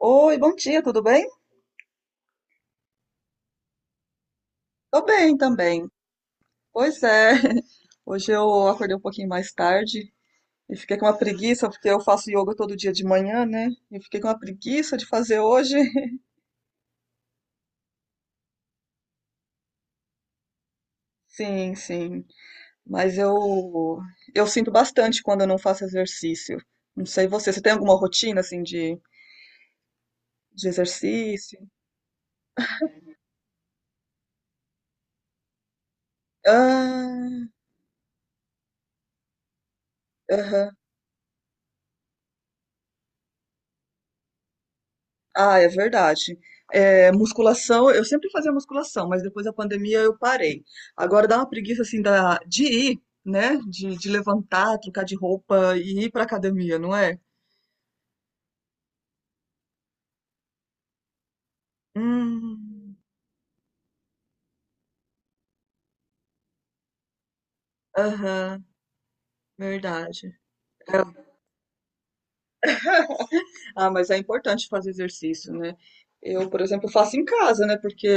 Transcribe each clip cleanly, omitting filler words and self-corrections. Oi, bom dia, tudo bem? Tô bem também. Pois é, hoje eu acordei um pouquinho mais tarde e fiquei com uma preguiça, porque eu faço yoga todo dia de manhã, né? E fiquei com uma preguiça de fazer hoje. Sim, sim. Mas eu sinto bastante quando eu não faço exercício. Não sei você, você tem alguma rotina assim de exercício? Ah, aham. Ah, é verdade. É, musculação, eu sempre fazia musculação, mas depois da pandemia eu parei. Agora dá uma preguiça assim da, de ir, né? De levantar, trocar de roupa e ir pra academia, não é? Hum, aham, verdade. É, ah, mas é importante fazer exercício, né? Eu, por exemplo, faço em casa, né? Porque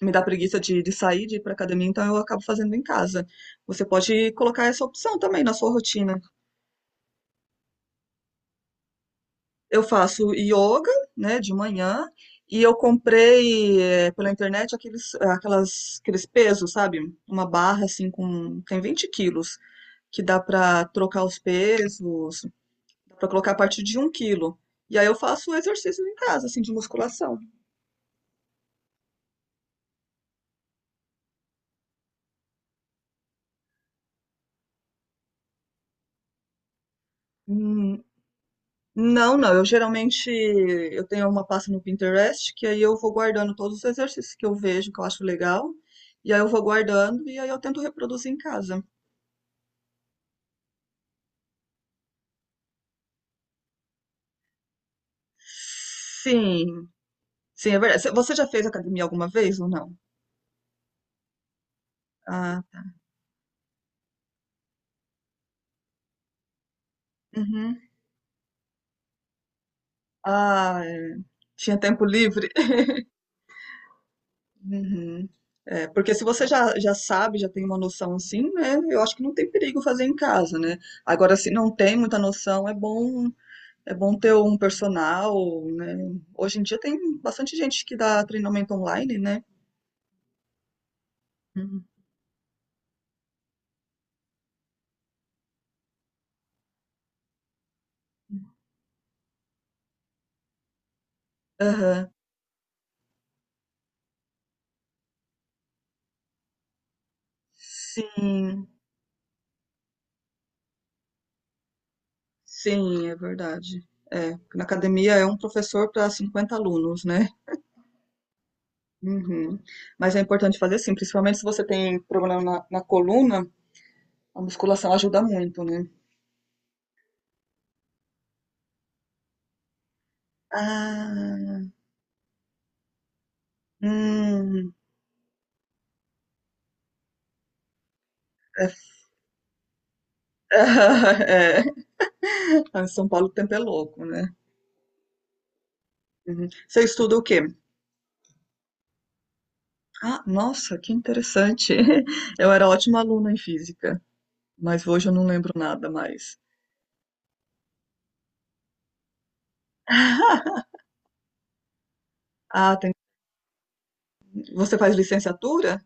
me dá preguiça de sair, de ir pra academia, então eu acabo fazendo em casa. Você pode colocar essa opção também na sua rotina. Eu faço yoga, né, de manhã, e eu comprei pela internet aqueles pesos, sabe? Uma barra assim com, tem 20 quilos, que dá pra trocar os pesos, dá pra colocar a partir de 1 quilo. E aí eu faço exercícios em casa, assim, de musculação. Hum, não, não, eu geralmente, eu tenho uma pasta no Pinterest, que aí eu vou guardando todos os exercícios que eu vejo, que eu acho legal, e aí eu vou guardando, e aí eu tento reproduzir em casa. Sim, sim, é verdade. Você já fez academia alguma vez ou não? Ah, uhum, ah, é, tinha tempo livre. Uhum. É, porque se você já sabe, já tem uma noção assim, né? Eu acho que não tem perigo fazer em casa, né? Agora, se não tem muita noção, é bom ter um personal, né? Hoje em dia tem bastante gente que dá treinamento online, né? Uhum. Aham. Sim, sim, é verdade. É, na academia é um professor para 50 alunos, né? Uhum. Mas é importante fazer assim, principalmente se você tem problema na coluna, a musculação ajuda muito, né? Ah, hum, é, é. Ah, São Paulo o tempo é louco, né? Uhum. Você estuda o quê? Ah, nossa, que interessante. Eu era ótima aluna em física, mas hoje eu não lembro nada mais. Ah, você faz licenciatura?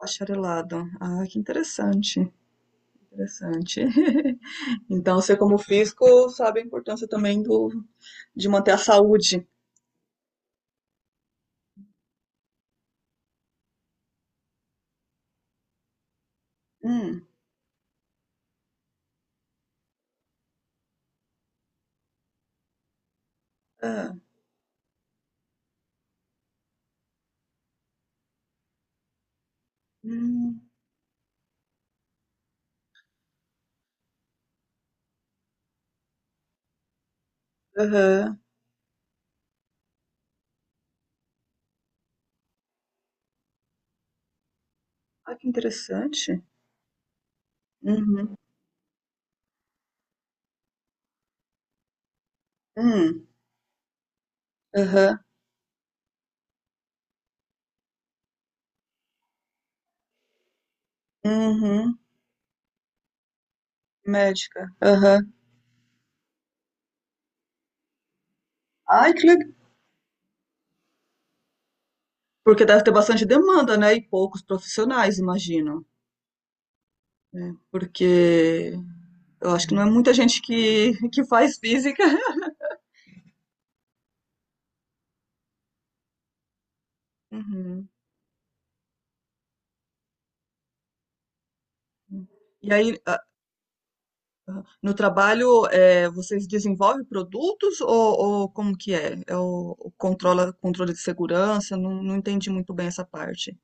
Bacharelado. Ah, que interessante, interessante. Então, você como físico sabe a importância também do de manter a saúde. Hum. Hã. Hum. Aham. Ah, que interessante. Uhum. Hum. Aham. Uhum. Médica. Aham. Ai, que le porque deve ter bastante demanda, né, e poucos profissionais, imagino, né, porque eu acho que não é muita gente que faz física. Uhum. E aí no trabalho, vocês desenvolvem produtos ou como que é? É o controle de segurança? Não, não entendi muito bem essa parte.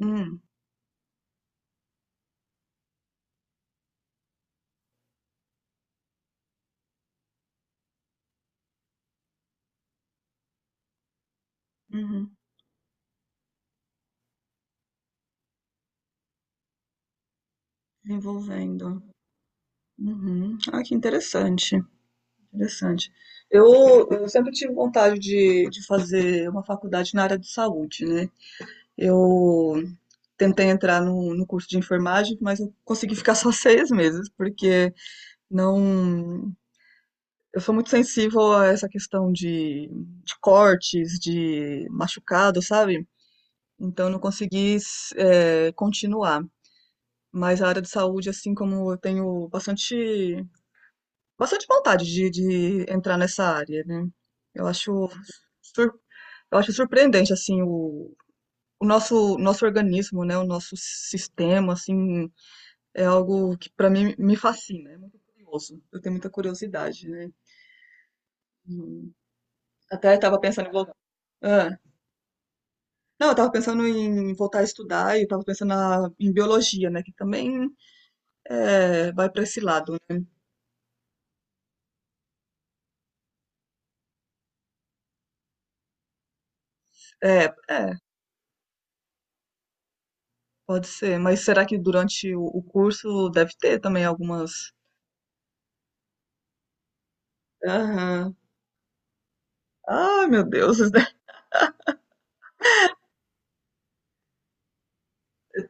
Hum, uhum, envolvendo. Uhum. Ah, que interessante, interessante. Eu sempre tive vontade de fazer uma faculdade na área de saúde, né? Eu tentei entrar no curso de enfermagem, mas eu consegui ficar só 6 meses, porque não. Eu sou muito sensível a essa questão de cortes, de machucado, sabe? Então eu não consegui continuar. Mas a área de saúde, assim como eu tenho bastante, bastante vontade de entrar nessa área, né? Eu acho, sur- eu acho surpreendente, assim, o nosso organismo, né? O nosso sistema, assim, é algo que para mim me fascina. É muito curioso. Eu tenho muita curiosidade, né? E Até estava pensando em voltar. Ah. Não, eu tava pensando em voltar a estudar e eu tava pensando em biologia, né? Que também vai para esse lado, né? É, é, pode ser. Mas será que durante o curso deve ter também algumas. Aham. Ah, meu Deus,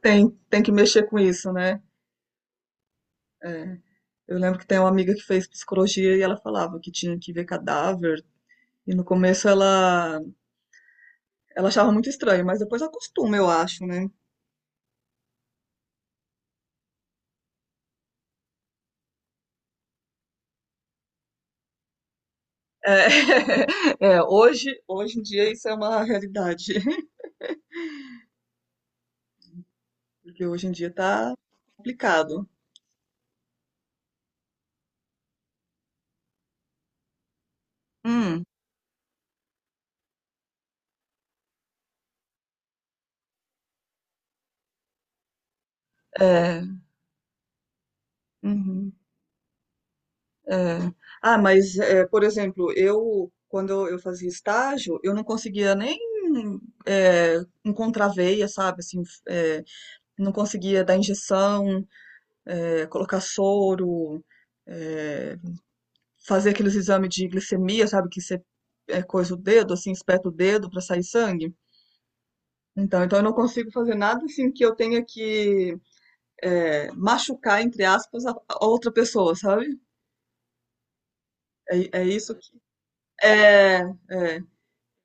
tem que mexer com isso, né? É. Eu lembro que tem uma amiga que fez psicologia e ela falava que tinha que ver cadáver. E no começo ela achava muito estranho, mas depois acostuma, eu acho, né? É, é, hoje em dia isso é uma realidade, porque hoje em dia tá complicado. Hum, é, uhum, é. Ah, mas, é, por exemplo, eu, quando eu fazia estágio, eu não conseguia nem é, encontrar veia, sabe? Assim, é, não conseguia dar injeção, colocar soro, é, fazer aqueles exames de glicemia, sabe? Que você coisa o dedo, assim, espeta o dedo para sair sangue. Então eu não consigo fazer nada assim que eu tenha que machucar, entre aspas, a outra pessoa, sabe? É, é isso que. É, é.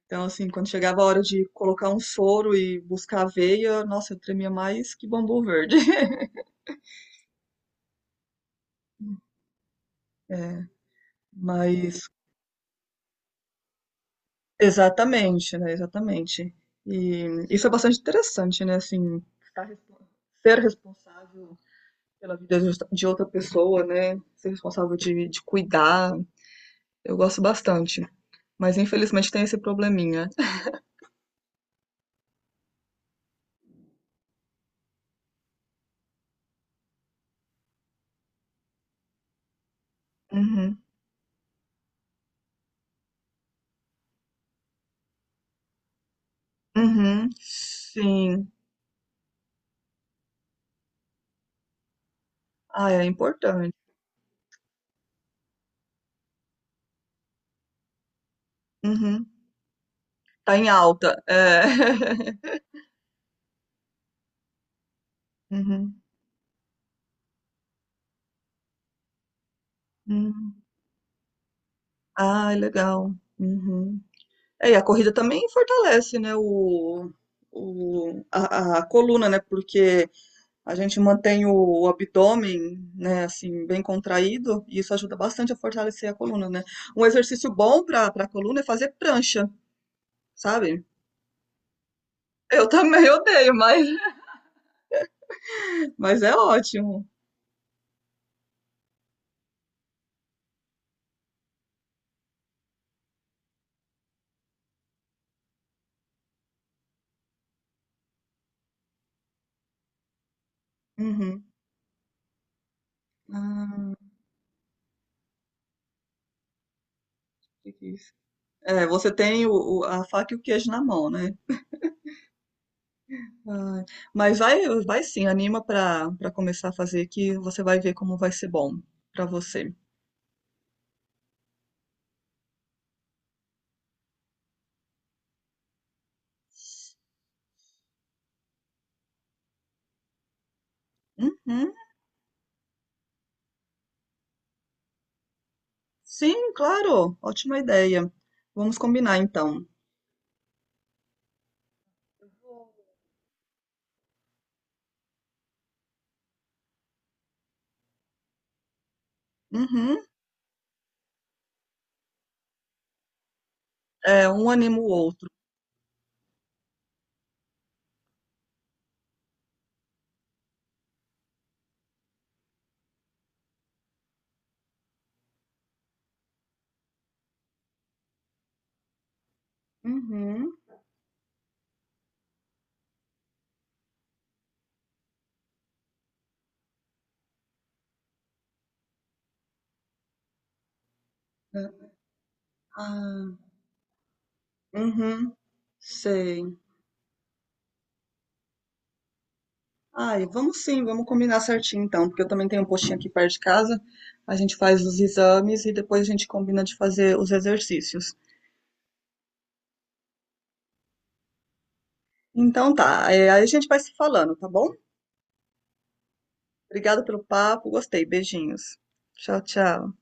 Então, assim, quando chegava a hora de colocar um soro e buscar a veia, nossa, eu tremia mais que bambu verde. É, mas. Exatamente, né? Exatamente. E isso é bastante interessante, né? Assim, ser responsável pela vida de outra pessoa, né? Ser responsável de cuidar. Eu gosto bastante. Mas infelizmente tem esse probleminha. Uhum. Uhum. Sim. Ah, é importante. Uhum. Tá em alta. É. Uhum. Uhum. Ah, é legal. Uhum. É, e a corrida também fortalece, né, a coluna, né, porque a gente mantém o abdômen, né, assim, bem contraído, e isso ajuda bastante a fortalecer a coluna, né. Um exercício bom para a coluna é fazer prancha, sabe? Eu também odeio, mas é ótimo. Uhum. Ah, que é isso? É, você tem a faca e o queijo na mão, né? Ai, mas vai, vai sim, anima pra para começar a fazer que você vai ver como vai ser bom pra você. Uhum. Sim, claro, ótima ideia. Vamos combinar então. Uhum. É, um anima o outro. Uhum. É. Ah, uhum. Sei. Ai, vamos sim, vamos combinar certinho então, porque eu também tenho um postinho aqui perto de casa. A gente faz os exames e depois a gente combina de fazer os exercícios. Então tá, é, aí a gente vai se falando, tá bom? Obrigada pelo papo, gostei, beijinhos. Tchau, tchau.